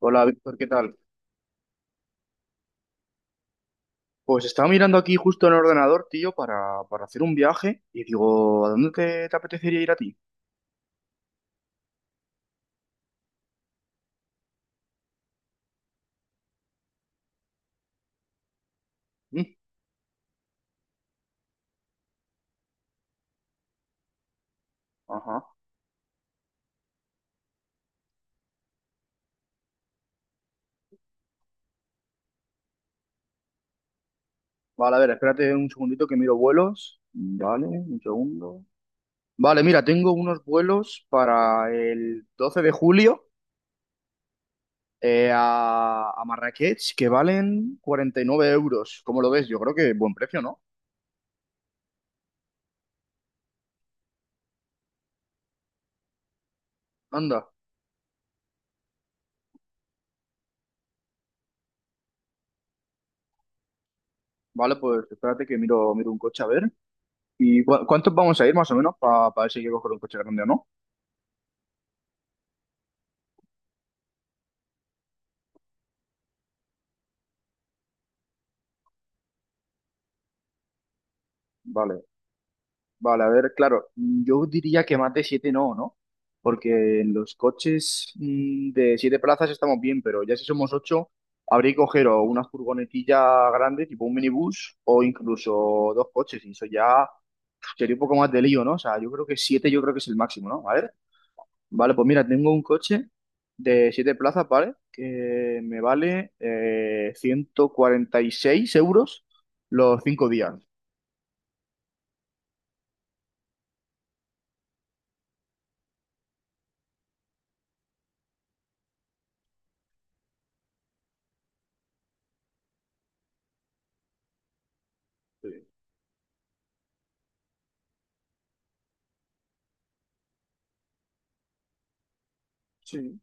Hola Víctor, ¿qué tal? Pues estaba mirando aquí justo en el ordenador, tío, para hacer un viaje y digo, ¿a dónde te apetecería ir a ti? Mm, ajá. Vale, a ver, espérate un segundito que miro vuelos. Vale, un segundo. Vale, mira, tengo unos vuelos para el 12 de julio a, Marrakech que valen 49 euros. ¿Cómo lo ves? Yo creo que buen precio, ¿no? Anda. Vale, pues espérate que miro un coche a ver. ¿Y cuántos vamos a ir más o menos para ver si hay que coger un coche grande o no? Vale. Vale, a ver, claro, yo diría que más de siete no, ¿no? Porque en los coches de siete plazas estamos bien, pero ya si somos ocho, habría que coger o una furgonetilla grande, tipo un minibús, o incluso dos coches, y eso ya sería un poco más de lío, ¿no? O sea, yo creo que siete yo creo que es el máximo, ¿no? A ver, vale, pues mira, tengo un coche de siete plazas, ¿vale? Que me vale 146 € los 5 días. Sí. Sí.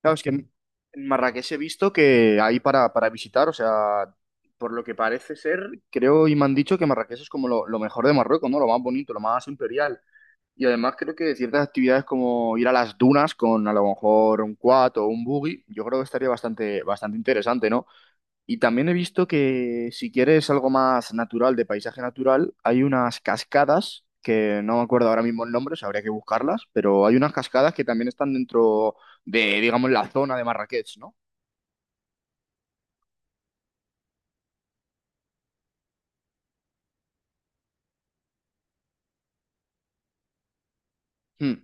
Claro, es que en Marrakech he visto que hay para visitar, o sea, por lo que parece ser, creo y me han dicho que Marrakech es como lo mejor de Marruecos, ¿no? Lo más bonito, lo más imperial. Y además creo que ciertas actividades como ir a las dunas con a lo mejor un quad o un buggy, yo creo que estaría bastante, bastante interesante, ¿no? Y también he visto que si quieres algo más natural, de paisaje natural, hay unas cascadas, que no me acuerdo ahora mismo el nombre, o sea, habría que buscarlas, pero hay unas cascadas que también están dentro de, digamos, la zona de Marrakech, ¿no? Hmm.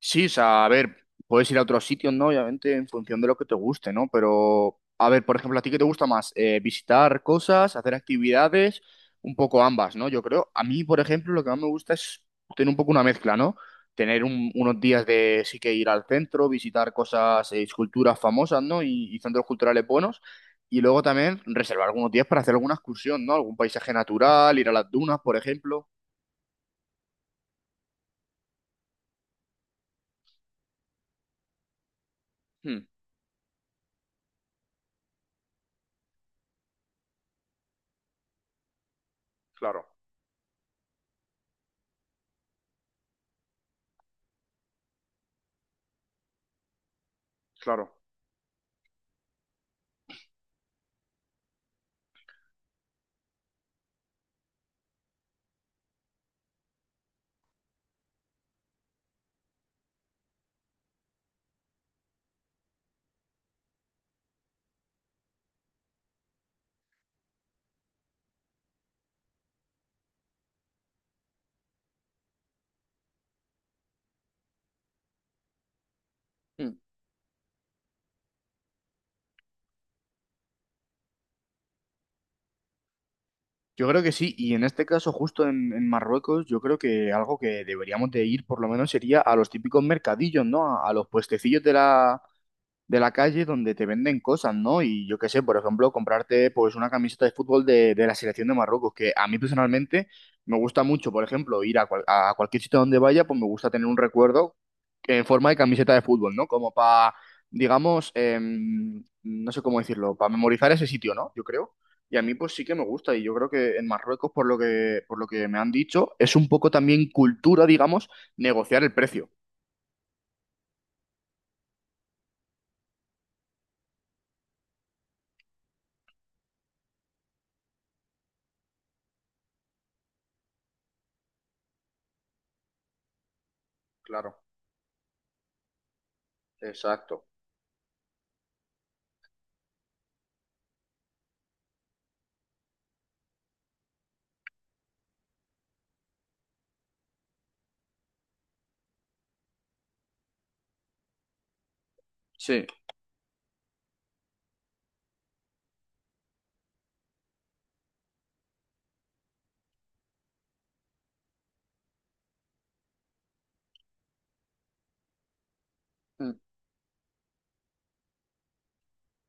Sí, o sea, a ver, puedes ir a otros sitios, ¿no? Obviamente, en función de lo que te guste, ¿no? Pero, a ver, por ejemplo, ¿a ti qué te gusta más? Visitar cosas, hacer actividades, un poco ambas, ¿no? Yo creo, a mí, por ejemplo, lo que más me gusta es tener un poco una mezcla, ¿no? Tener unos días de sí que ir al centro, visitar cosas, esculturas famosas, ¿no? Y, centros culturales buenos. Y luego también reservar algunos días para hacer alguna excursión, ¿no? Algún paisaje natural, ir a las dunas, por ejemplo. Mm, claro, claro. Yo creo que sí, y en este caso justo en Marruecos, yo creo que algo que deberíamos de ir por lo menos sería a los típicos mercadillos, ¿no? A los puestecillos de la calle donde te venden cosas, ¿no? Y yo qué sé, por ejemplo, comprarte pues una camiseta de fútbol de la selección de Marruecos, que a mí personalmente me gusta mucho, por ejemplo, ir a cualquier sitio donde vaya, pues me gusta tener un recuerdo en forma de camiseta de fútbol, ¿no? Como para, digamos, no sé cómo decirlo, para memorizar ese sitio, ¿no? Yo creo. Y a mí pues sí que me gusta y yo creo que en Marruecos, por lo que me han dicho, es un poco también cultura, digamos, negociar el precio. Claro, exacto. Sí.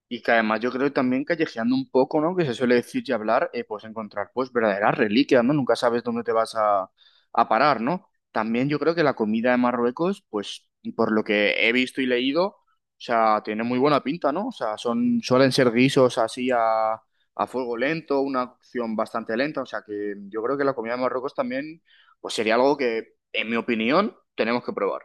Y que además yo creo que también callejeando un poco, ¿no? Que se suele decir y hablar, pues encontrar pues verdaderas reliquias, ¿no? Nunca sabes dónde te vas a parar, ¿no? También yo creo que la comida de Marruecos, pues por lo que he visto y leído, o sea, tiene muy buena pinta, ¿no? O sea, son, suelen ser guisos así a fuego lento, una cocción bastante lenta, o sea que yo creo que la comida de Marruecos también, pues sería algo que, en mi opinión, tenemos que probar.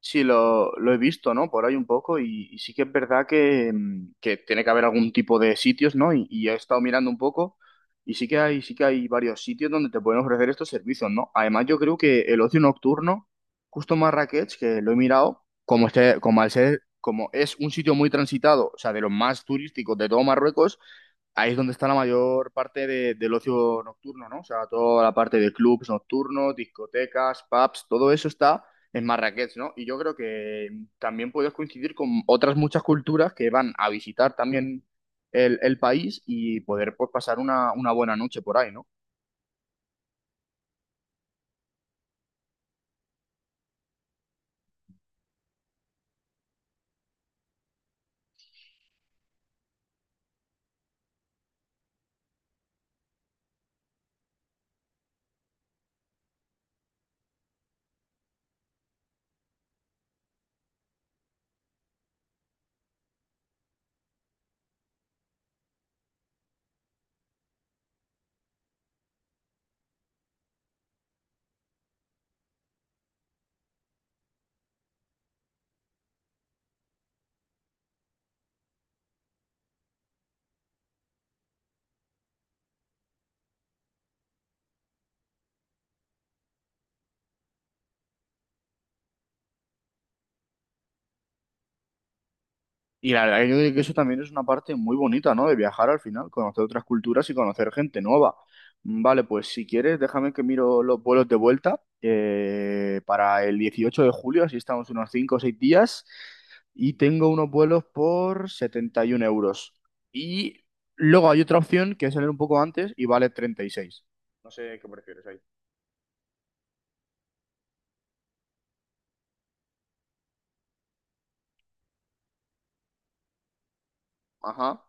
Sí, lo he visto, ¿no? Por ahí un poco y, sí que es verdad que, que tiene que haber algún tipo de sitios, ¿no? Y, he estado mirando un poco y sí que hay varios sitios donde te pueden ofrecer estos servicios, ¿no? Además, yo creo que el ocio nocturno, justo Marrakech, que lo he mirado, como este, como al ser, como es un sitio muy transitado, o sea, de los más turísticos de todo Marruecos, ahí es donde está la mayor parte del ocio nocturno, ¿no? O sea, toda la parte de clubs nocturnos, discotecas, pubs, todo eso está en Marrakech, ¿no? Y yo creo que también puedes coincidir con otras muchas culturas que van a visitar también el país y poder pues, pasar una buena noche por ahí, ¿no? Y la verdad que eso también es una parte muy bonita, ¿no? De viajar al final, conocer otras culturas y conocer gente nueva. Vale, pues si quieres, déjame que miro los vuelos de vuelta para el 18 de julio, así estamos unos 5 o 6 días, y tengo unos vuelos por 71 euros. Y luego hay otra opción que es salir un poco antes y vale 36. No sé qué prefieres ahí. Ajá,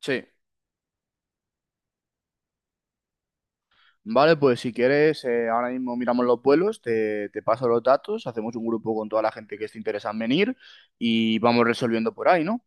sí. Vale, pues si quieres, ahora mismo miramos los vuelos, te paso los datos, hacemos un grupo con toda la gente que esté interesada en venir y vamos resolviendo por ahí, ¿no?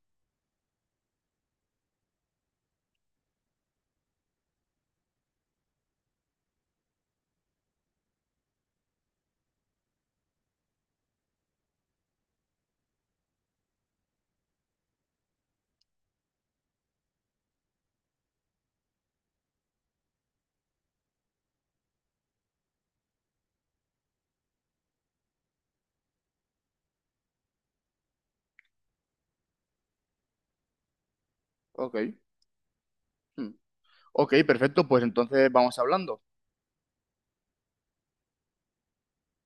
Ok. Mm. Ok, perfecto, pues entonces vamos hablando.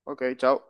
Ok, chao.